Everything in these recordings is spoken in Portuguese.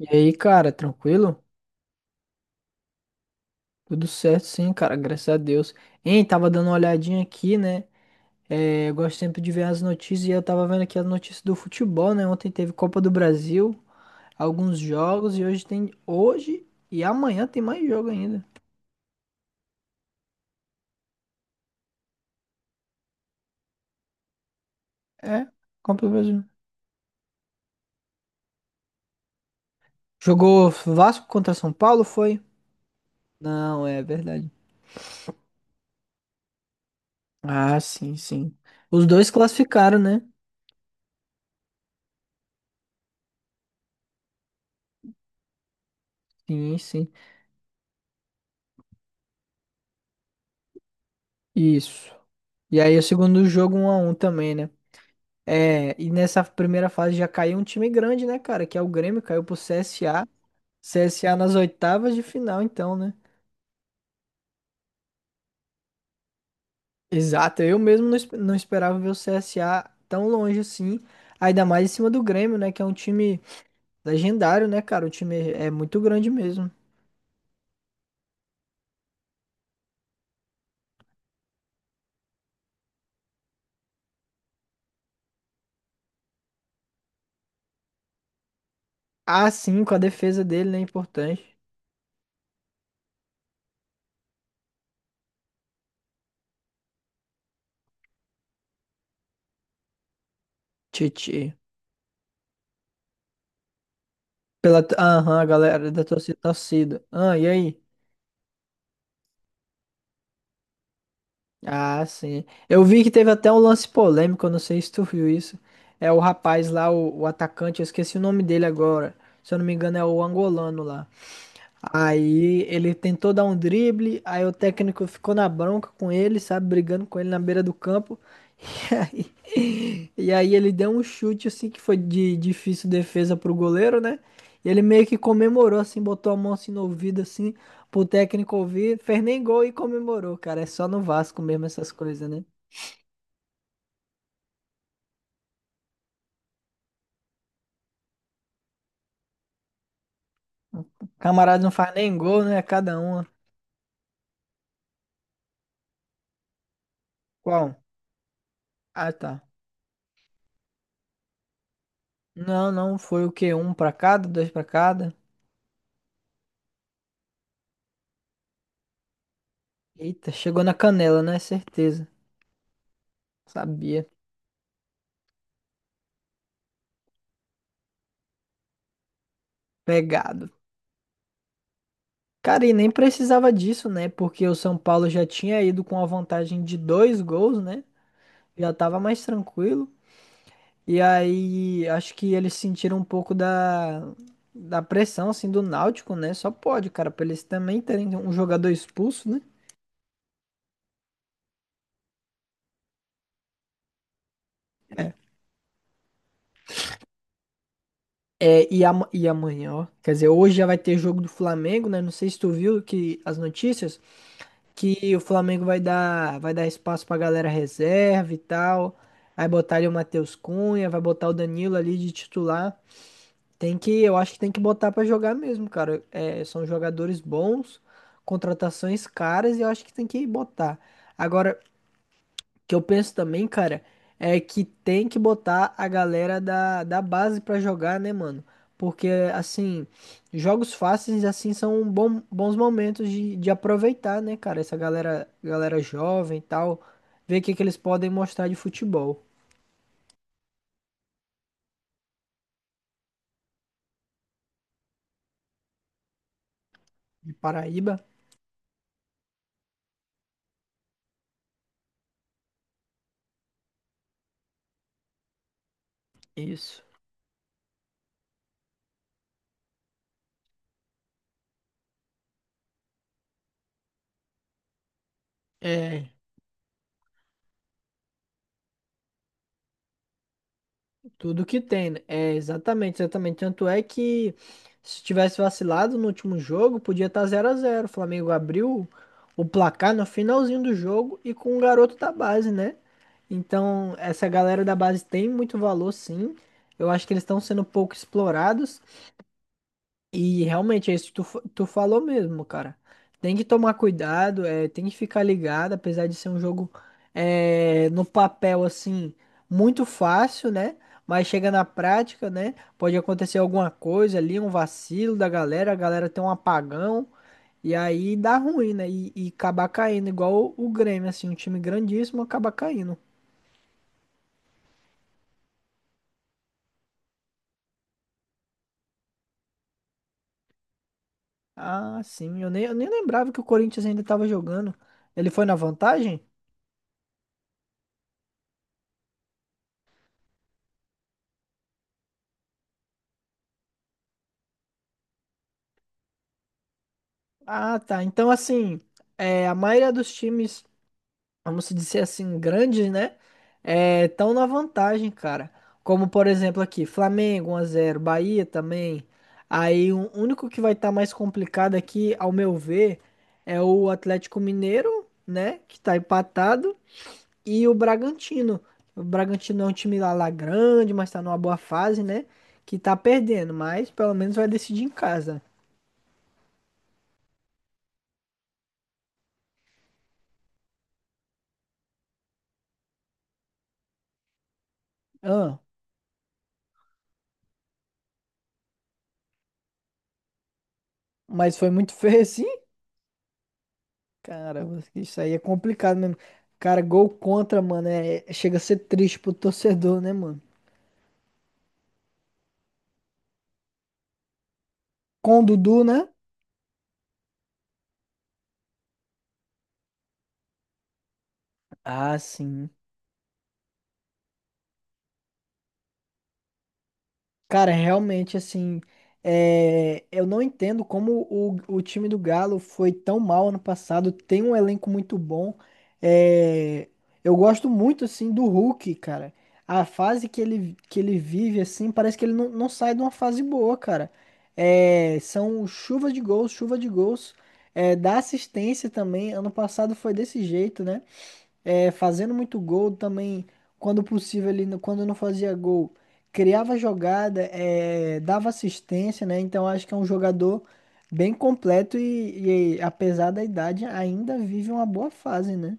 E aí, cara, tranquilo? Tudo certo, sim, cara, graças a Deus. Hein, tava dando uma olhadinha aqui, né? É, eu gosto sempre de ver as notícias e eu tava vendo aqui as notícias do futebol, né? Ontem teve Copa do Brasil, alguns jogos e hoje tem. Hoje e amanhã tem mais jogo ainda. É, Copa do Brasil. Jogou Vasco contra São Paulo, foi? Não, é verdade. Ah, sim, sim. Os dois classificaram, né? Sim, sim. Isso. E aí, o segundo jogo, um a um também, né? É, e nessa primeira fase já caiu um time grande, né, cara? Que é o Grêmio, caiu pro CSA. CSA nas oitavas de final, então, né? Exato, eu mesmo não, não esperava ver o CSA tão longe assim. Ainda mais em cima do Grêmio, né? Que é um time legendário, né, cara? O time é muito grande mesmo. Ah, sim, com a defesa dele, né? Importante. Titi. Pela, aham, a galera da torcida, torcida. Ah, e aí? Ah, sim. Eu vi que teve até um lance polêmico, eu não sei se tu viu isso. É o rapaz lá, o atacante, eu esqueci o nome dele agora. Se eu não me engano, é o angolano lá. Aí ele tentou dar um drible, aí o técnico ficou na bronca com ele, sabe, brigando com ele na beira do campo. E aí, ele deu um chute assim que foi de difícil defesa pro goleiro, né? E ele meio que comemorou assim, botou a mão assim no ouvido assim, pro técnico ouvir, fez nem gol e comemorou, cara. É só no Vasco mesmo essas coisas, né? Camarada não faz nem gol, né? É cada uma. Qual? Ah, tá. Não, não, foi o quê? Um pra cada, dois pra cada. Eita, chegou na canela, né? Certeza. Sabia. Pegado. Cara, e nem precisava disso, né? Porque o São Paulo já tinha ido com a vantagem de dois gols, né? Já tava mais tranquilo. E aí, acho que eles sentiram um pouco da pressão, assim, do Náutico, né? Só pode, cara, pra eles também terem um jogador expulso, né? É, e amanhã, ó. Quer dizer, hoje já vai ter jogo do Flamengo, né? Não sei se tu viu que as notícias que o Flamengo vai dar espaço pra galera reserva e tal. Aí botar ali o Matheus Cunha, vai botar o Danilo ali de titular. Tem que, eu acho que tem que botar pra jogar mesmo, cara. É, são jogadores bons, contratações caras e eu acho que tem que botar. Agora, que eu penso também, cara, é que tem que botar a galera da base pra jogar, né, mano? Porque, assim, jogos fáceis, assim, são bons momentos de aproveitar, né, cara? Essa galera jovem e tal, ver o que, que eles podem mostrar de futebol. De Paraíba, isso. É, tudo que tem, né? É exatamente, exatamente. Tanto é que se tivesse vacilado no último jogo, podia estar zero a zero. O Flamengo abriu o placar no finalzinho do jogo e com um garoto da base, né? Então, essa galera da base tem muito valor, sim. Eu acho que eles estão sendo pouco explorados. E realmente é isso que tu falou mesmo, cara. Tem que tomar cuidado, é, tem que ficar ligado, apesar de ser um jogo é, no papel assim muito fácil, né? Mas chega na prática, né? Pode acontecer alguma coisa ali, um vacilo da galera, a galera tem um apagão e aí dá ruim, né? E acabar caindo, igual o Grêmio, assim, um time grandíssimo acaba caindo. Ah, sim, eu nem lembrava que o Corinthians ainda tava jogando. Ele foi na vantagem? Ah, tá. Então, assim, é, a maioria dos times, vamos dizer assim, grandes, né? Estão na vantagem, cara. Como, por exemplo, aqui, Flamengo 1 a 0, Bahia também. Aí, o único que vai estar mais complicado aqui, ao meu ver, é o Atlético Mineiro, né? Que tá empatado. E o Bragantino. O Bragantino é um time lá grande, mas tá numa boa fase, né? Que tá perdendo, mas pelo menos vai decidir em casa. Ah, mas foi muito feio, assim. Caramba, isso aí é complicado mesmo. Cara, gol contra, mano, é, chega a ser triste pro torcedor, né, mano? Com o Dudu, né? Ah, sim. Cara, realmente, assim, é, eu não entendo como o time do Galo foi tão mal ano passado. Tem um elenco muito bom. É, eu gosto muito, assim, do Hulk, cara. A fase que ele vive, assim, parece que ele não sai de uma fase boa, cara. É, são chuva de gols, chuva de gols. É, dá assistência também. Ano passado foi desse jeito, né? É, fazendo muito gol também, quando possível, ele, quando não fazia gol, criava jogada, é, dava assistência, né? Então acho que é um jogador bem completo e apesar da idade, ainda vive uma boa fase, né?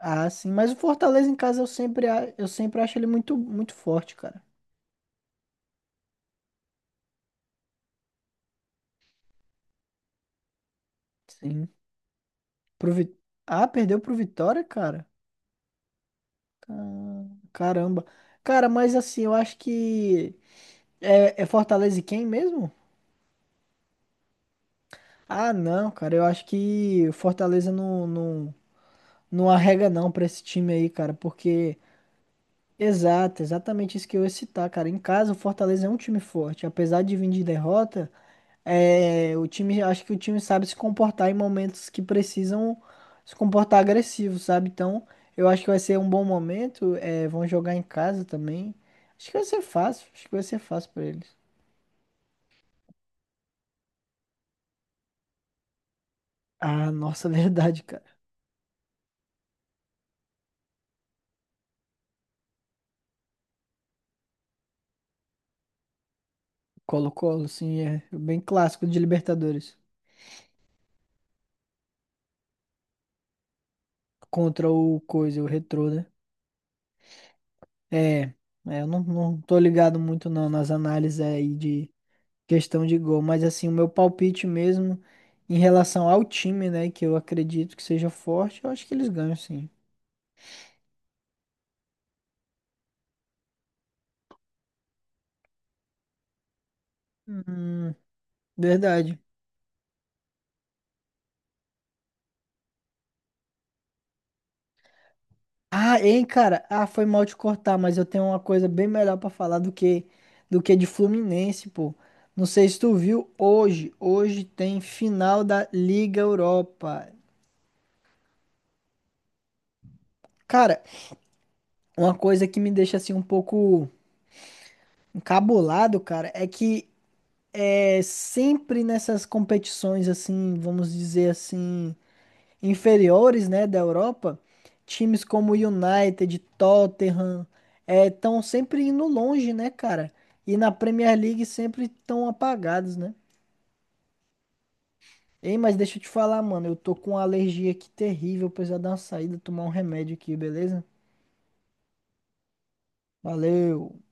Ah, sim, mas o Fortaleza em casa eu sempre acho ele muito, muito forte, cara. Sim. Pro Vi- Ah, perdeu pro Vitória, cara? Ca- Caramba. Cara, mas assim, eu acho que. É Fortaleza e quem mesmo? Ah, não, cara, eu acho que o Fortaleza não, não, não arrega não pra esse time aí, cara, porque exato, exatamente isso que eu ia citar, cara. Em casa, o Fortaleza é um time forte, apesar de vir de derrota, é, o time, acho que o time sabe se comportar em momentos que precisam se comportar agressivo, sabe? Então, eu acho que vai ser um bom momento, é, vão jogar em casa também. Acho que vai ser fácil, acho que vai ser fácil pra eles. Ah, nossa, verdade, cara. Colo-Colo, sim, é bem clássico de Libertadores. Contra o coisa, o Retrô, né? É, é, eu não tô ligado muito não nas análises aí de questão de gol, mas assim, o meu palpite mesmo em relação ao time, né, que eu acredito que seja forte, eu acho que eles ganham sim. Hum, verdade. Ah, hein, cara, ah, foi mal te cortar, mas eu tenho uma coisa bem melhor pra falar do que de Fluminense, pô. Não sei se tu viu hoje, hoje tem final da Liga Europa. Cara, uma coisa que me deixa assim um pouco cabulado, cara, é que é sempre nessas competições assim, vamos dizer assim, inferiores, né, da Europa, times como United, Tottenham, estão sempre indo longe, né, cara? E na Premier League sempre estão apagados, né? Ei, mas deixa eu te falar, mano, eu tô com uma alergia aqui terrível, eu preciso dar uma saída, tomar um remédio aqui, beleza? Valeu.